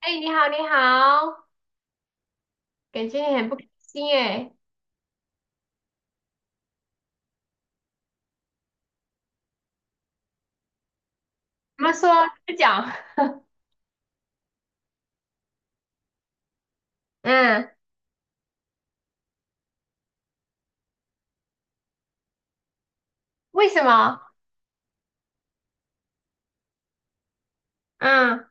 哎，你好，你好，感觉你很不开心哎。怎么说？再讲。嗯，为什么？嗯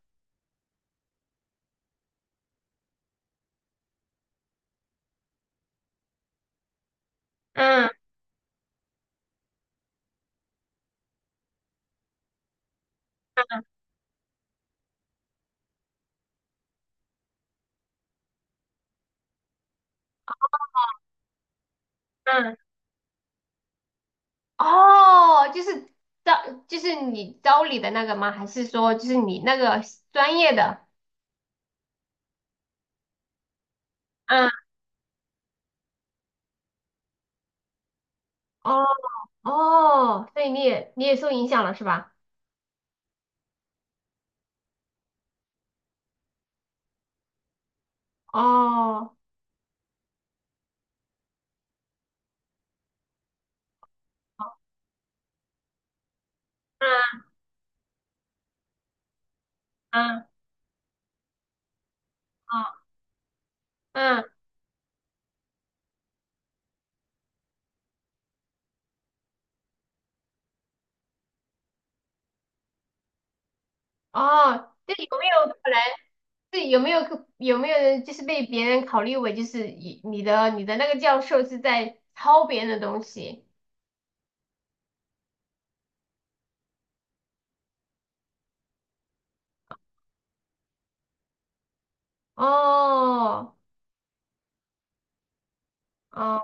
嗯嗯。嗯，哦，就是招，就是你招你的那个吗？还是说就是你那个专业的？嗯，哦哦，所以你也受影响了是吧？哦，哦，嗯嗯，哦，嗯，哦，这有没有可能？是有没有有没有人就是被别人考虑为就是你的那个教授是在抄别人的东西？哦，哦，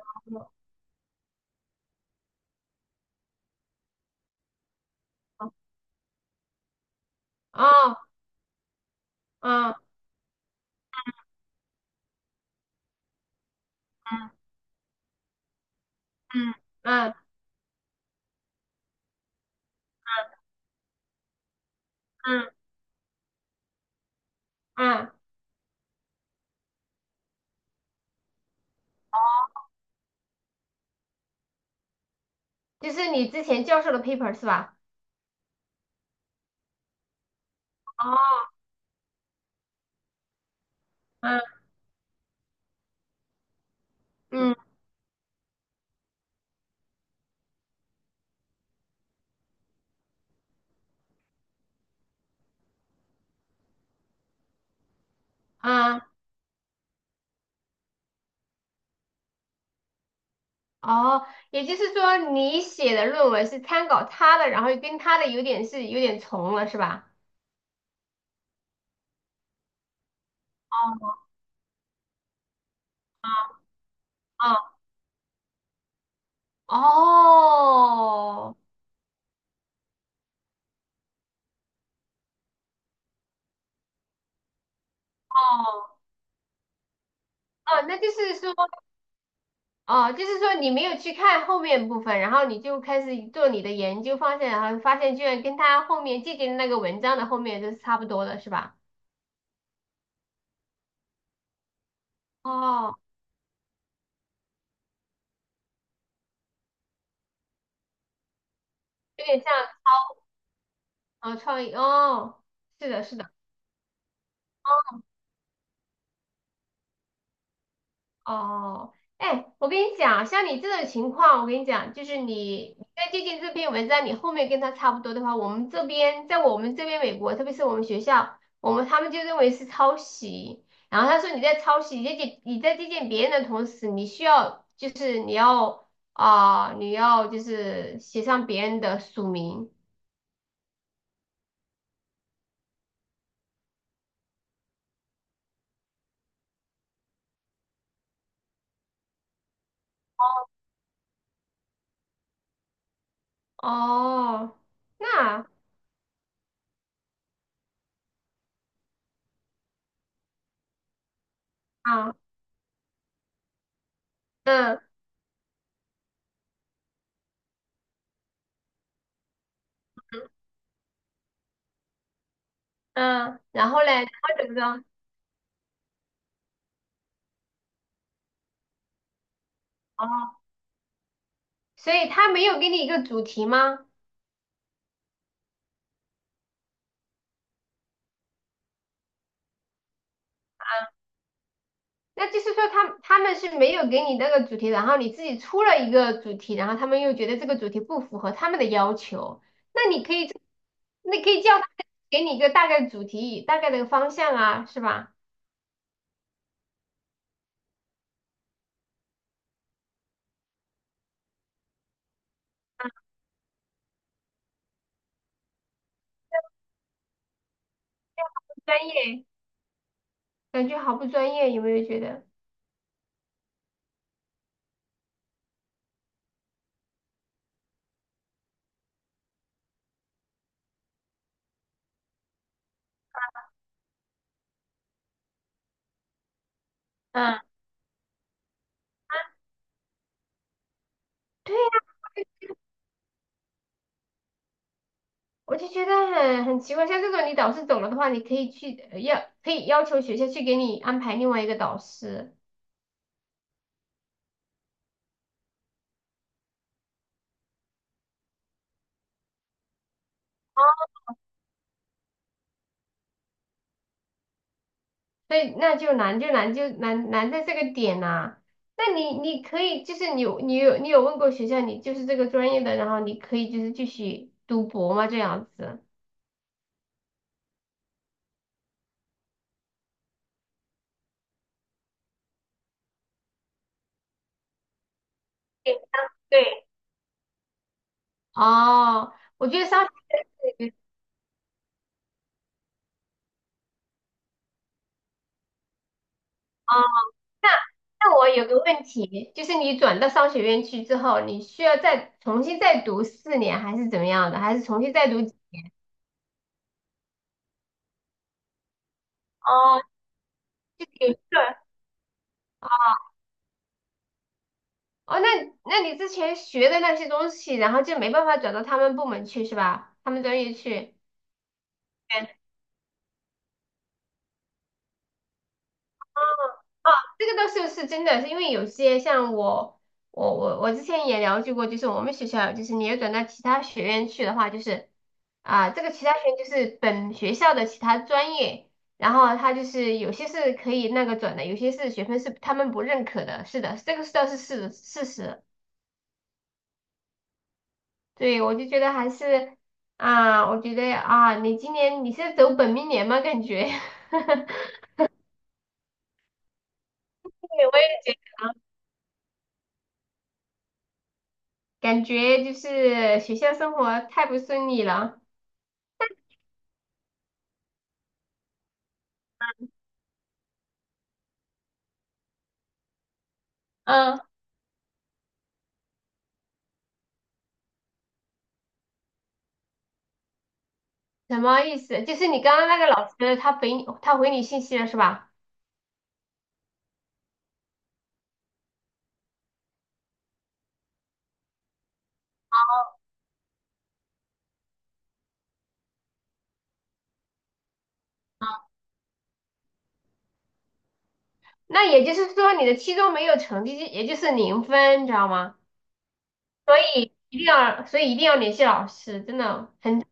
哦，哦，嗯嗯嗯嗯嗯，就是你之前教授的 paper 是吧？哦，嗯嗯嗯，哦，也就是说你写的论文是参考他的，然后跟他的有点重了是吧？哦，哦，哦，哦，那就是说。哦，就是说你没有去看后面部分，然后你就开始做你的研究方向，然后发现居然跟他后面借鉴的那个文章的后面就是差不多的，是吧？哦，有点像，哦，创意哦，是的，是的，哦，哦，哎，我跟你讲，像你这种情况，我跟你讲，就是你在借鉴这篇文章，你后面跟他差不多的话，我们这边在我们这边美国，特别是我们学校，他们就认为是抄袭。然后他说你在抄袭，你在借鉴别人的同时，你需要就是你要就是写上别人的署名。哦，那啊，嗯嗯，然后嘞，然后怎么着？哦，所以他没有给你一个主题吗？那就是说他们是没有给你那个主题，然后你自己出了一个主题，然后他们又觉得这个主题不符合他们的要求，那你可以，那可以叫他给你一个大概的主题，大概的方向啊，是吧？啊，专业，感觉好不专业，有没有觉得？嗯，对呀，我就觉得很奇怪，像这种你导师走了的话，你可以可以要求学校去给你安排另外一个导师。所以那就难在这个点呐、那你可以就是你有问过学校，你就是这个专业的，然后你可以就是继续读博吗？这样子？对，对，哦，我觉得商学院，哦，那那我有个问题，就是你转到商学院去之后，你需要再重新再读四年，还是怎么样的？还是重新再读几？哦，有一个，哦，那你之前学的那些东西，然后就没办法转到他们部门去是吧？他们专业去？啊，这个倒是真的，是因为有些像我，我之前也了解过，就是我们学校，就是你要转到其他学院去的话，就是啊、这个其他学院就是本学校的其他专业，然后它就是有些是可以那个转的，有些是学分是他们不认可的，是的，这个倒是事实。对，我就觉得还是啊、我觉得啊，你今年你是走本命年吗？感觉，对，我也觉得，感觉就是学校生活太不顺利了。嗯。什么意思？就是你刚刚那个老师，他回你信息了是吧？那也就是说你的期中没有成绩，也就是零分，你知道吗？所以一定要联系老师，真的很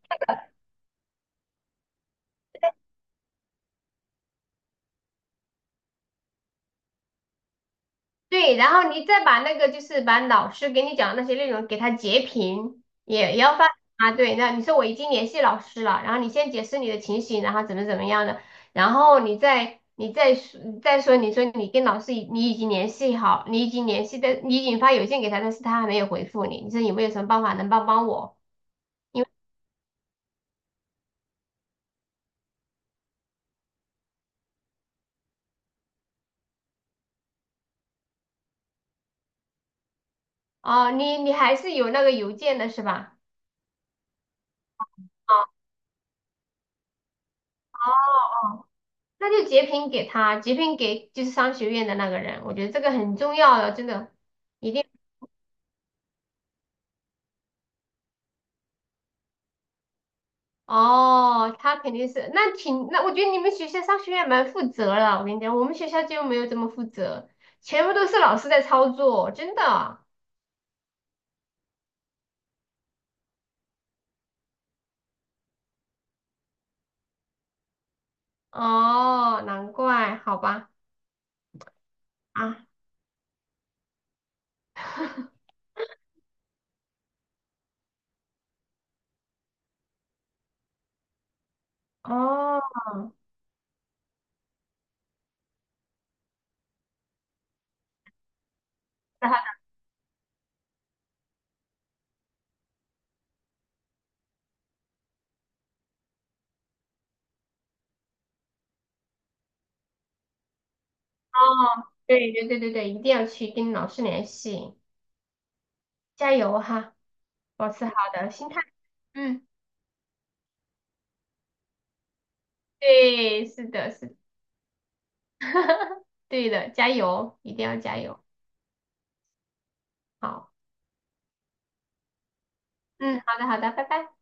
对，然后你再把那个就是把老师给你讲的那些内容给他截屏，也要发啊。对，那你说我已经联系老师了，然后你先解释你的情形，然后怎么样的，然后你再说，你说你跟老师你已经联系好，你已经联系的，你已经发邮件给他，但是他还没有回复你，你说有没有什么办法能帮帮我？因为哦，你还是有那个邮件的是吧？哦，那就截屏给就是商学院的那个人，我觉得这个很重要的，真的。一定。哦，他肯定是，那挺，那我觉得你们学校商学院蛮负责了。我跟你讲，我们学校就没有这么负责，全部都是老师在操作，真的。哦，难怪，好吧。啊，哦， 那好的，哦，对对对对对，一定要去跟老师联系，加油哈，保持好的心态。嗯，对，是的，是对的，加油，一定要加油。好，嗯，好的，好的，拜拜。